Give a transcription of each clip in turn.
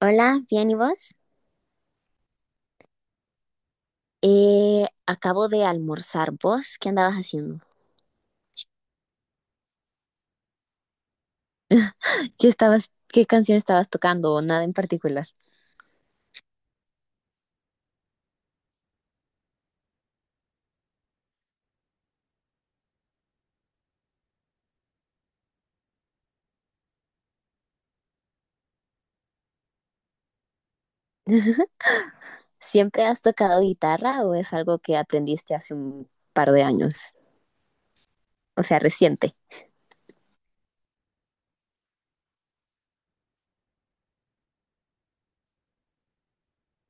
Hola, bien, ¿y vos? Acabo de almorzar. ¿Vos qué andabas haciendo? ¿Qué canción estabas tocando o nada en particular? ¿Siempre has tocado guitarra o es algo que aprendiste hace un par de años? O sea, reciente.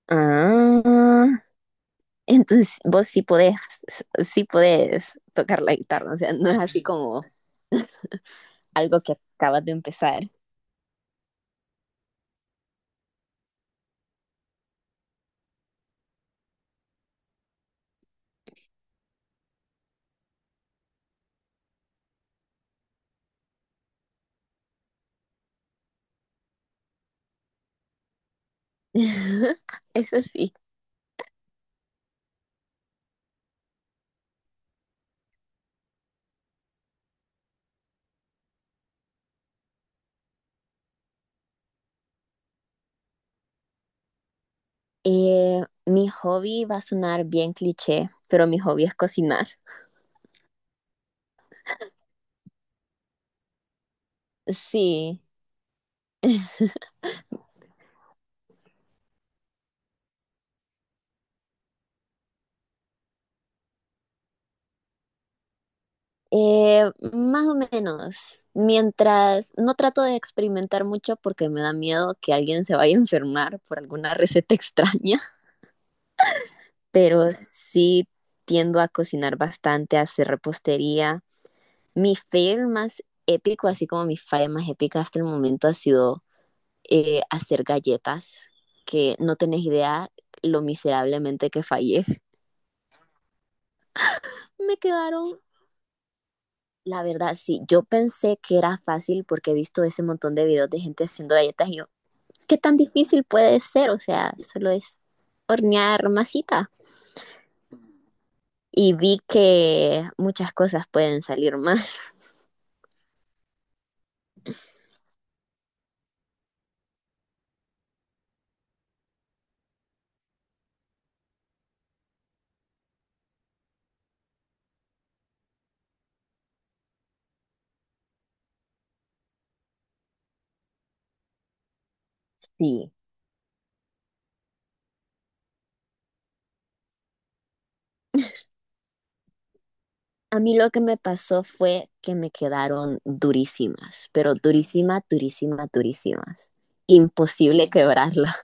Ah, entonces vos sí podés tocar la guitarra, o sea, no es así como algo que acabas de empezar. Eso sí. Mi hobby va a sonar bien cliché, pero mi hobby es cocinar. Sí. Eh, Más o menos, mientras no trato de experimentar mucho porque me da miedo que alguien se vaya a enfermar por alguna receta extraña, pero sí tiendo a cocinar bastante, a hacer repostería. Mi fail más épico, así como mi falla más épica hasta el momento ha sido hacer galletas, que no tenés idea lo miserablemente que fallé. Me quedaron la verdad, sí, yo pensé que era fácil porque he visto ese montón de videos de gente haciendo galletas y yo, ¿qué tan difícil puede ser? O sea, solo es hornear masita. Y vi que muchas cosas pueden salir mal. Sí. A mí lo que me pasó fue que me quedaron durísimas, pero durísimas, durísimas, durísimas. Imposible quebrarla.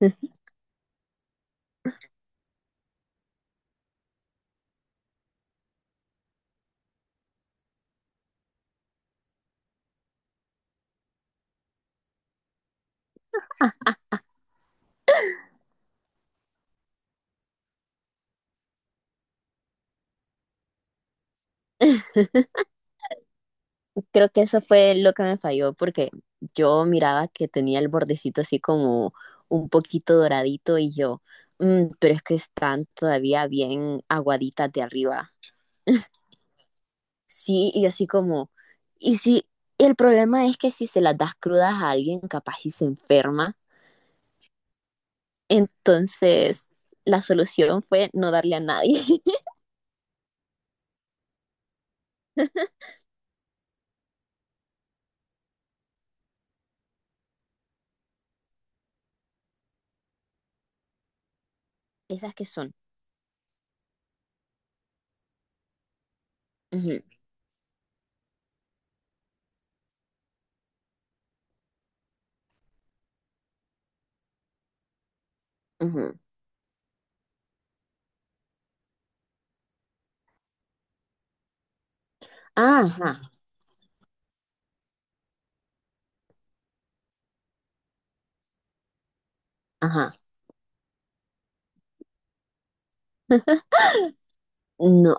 Creo que eso fue lo que me falló porque yo miraba que tenía el bordecito así como un poquito doradito y yo, "Mm, pero es que están todavía bien aguaditas de arriba". Sí, y así como, y si, y el problema es que si se las das crudas a alguien, capaz y se enferma. Entonces, la solución fue no darle a nadie. Esas que son. Ujú, ujú. Ah, ajá, ajá. No.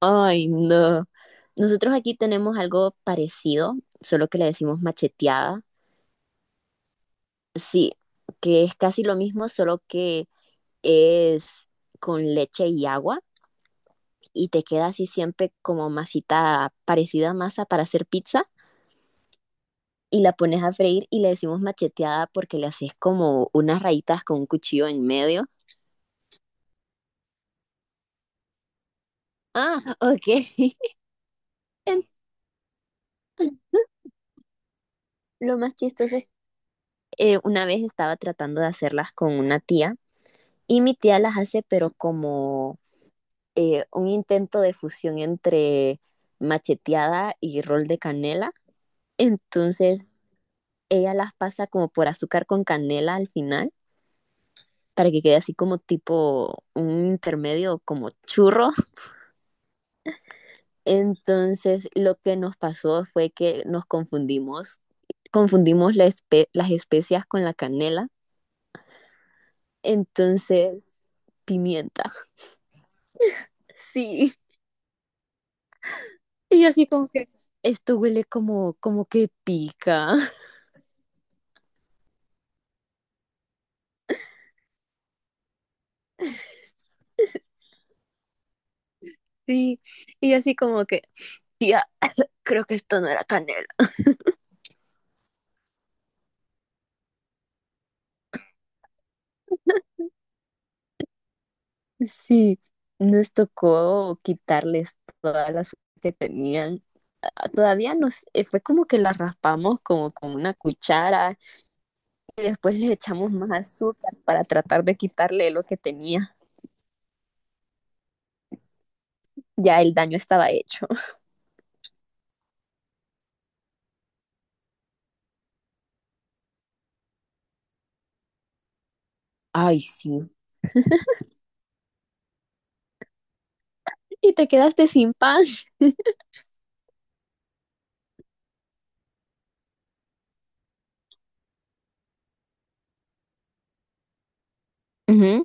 Ay, no. Nosotros aquí tenemos algo parecido, solo que le decimos macheteada. Sí, que es casi lo mismo, solo que es con leche y agua y te queda así siempre como masita parecida a masa para hacer pizza y la pones a freír y le decimos macheteada porque le haces como unas rayitas con un cuchillo en medio. Ah, ok. En- Lo más chistoso es una vez estaba tratando de hacerlas con una tía y mi tía las hace pero como un intento de fusión entre macheteada y rol de canela. Entonces ella las pasa como por azúcar con canela al final para que quede así como tipo un intermedio como churro. Entonces lo que nos pasó fue que nos confundimos las especias con la canela. Entonces, pimienta. Sí. Y yo así como que esto huele como, como que pica. Sí. Y yo así como que Tía, creo que esto no era canela. Sí, nos tocó quitarles todas las que tenían. Ah, fue como que las raspamos como con una cuchara y después les echamos más azúcar para tratar de quitarle lo que tenía. Ya el daño estaba hecho. Ay, sí. Y te quedaste sin pan. Ujú.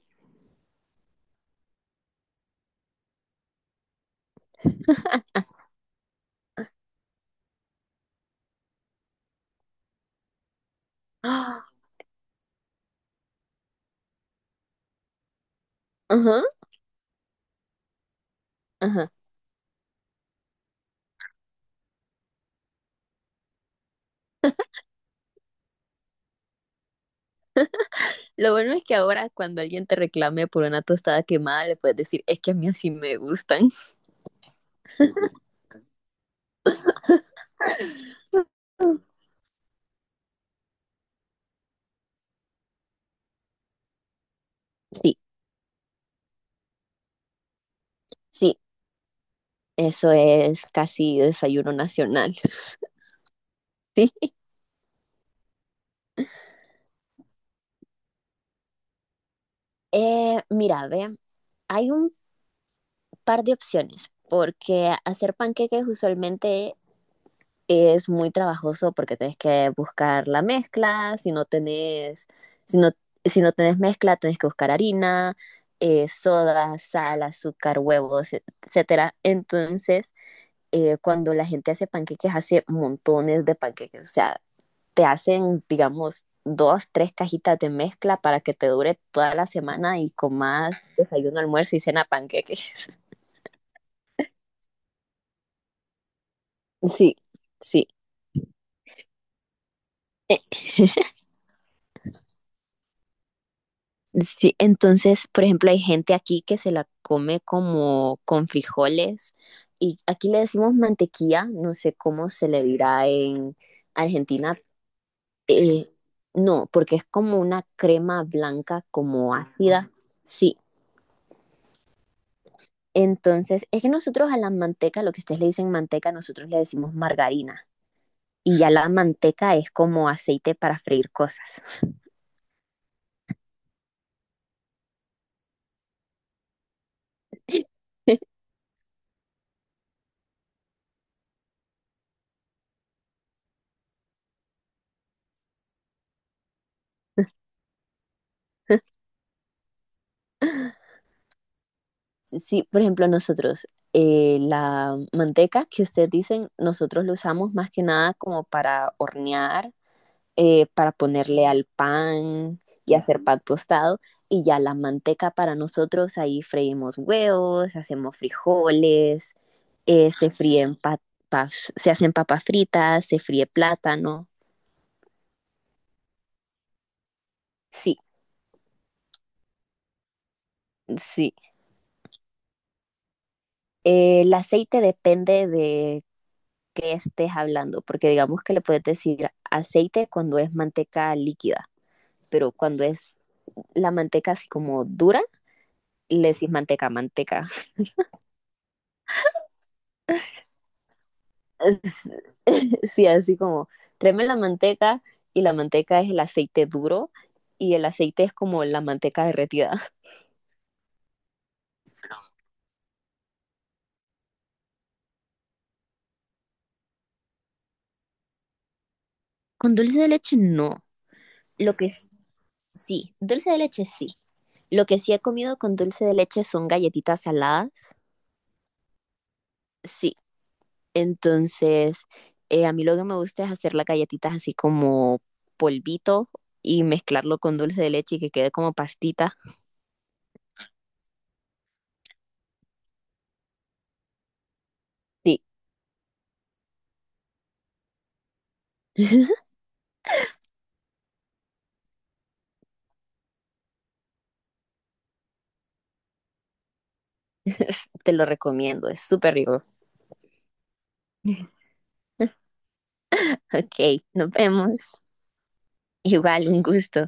Ah, ajá, ajá. Lo bueno es que ahora cuando alguien te reclame por una tostada quemada, le puedes decir, es que a mí así me gustan. Sí, sí, eso es casi desayuno nacional. Sí. Mira, ve, hay un par de opciones, porque hacer panqueques usualmente es muy trabajoso porque tenés que buscar la mezcla, si no, si no tenés mezcla, tenés que buscar harina, soda, sal, azúcar, huevos, etcétera. Entonces, cuando la gente hace panqueques, hace montones de panqueques, o sea, te hacen, digamos, dos, tres cajitas de mezcla para que te dure toda la semana y comas desayuno, almuerzo y cena panqueques. Sí, sí. Sí, entonces, por ejemplo, hay gente aquí que se la come como con frijoles y aquí le decimos mantequilla, no sé cómo se le dirá en Argentina. Eh, no, porque es como una crema blanca, como ácida. Sí, entonces, es que nosotros a la manteca, lo que ustedes le dicen manteca, nosotros le decimos margarina. Y ya la manteca es como aceite para freír cosas. Sí, por ejemplo, nosotros la manteca que ustedes dicen, nosotros lo usamos más que nada como para hornear, para ponerle al pan y hacer pan tostado. Y ya la manteca para nosotros, ahí freímos huevos, hacemos frijoles, se fríen papas, se hacen papas fritas, se fríe plátano. Sí, sí. El aceite depende de qué estés hablando, porque digamos que le puedes decir aceite cuando es manteca líquida, pero cuando es la manteca así como dura, le decís manteca, manteca. Sí, así como, tráeme la manteca y la manteca es el aceite duro y el aceite es como la manteca derretida. Con dulce de leche no. Lo que, s- Sí, dulce de leche sí. Lo que sí he comido con dulce de leche son galletitas saladas. Sí, entonces a mí lo que me gusta es hacer las galletitas así como polvito y mezclarlo con dulce de leche y que quede como pastita. Sí, te lo recomiendo, es súper rico. Ok, nos vemos. Igual, un gusto.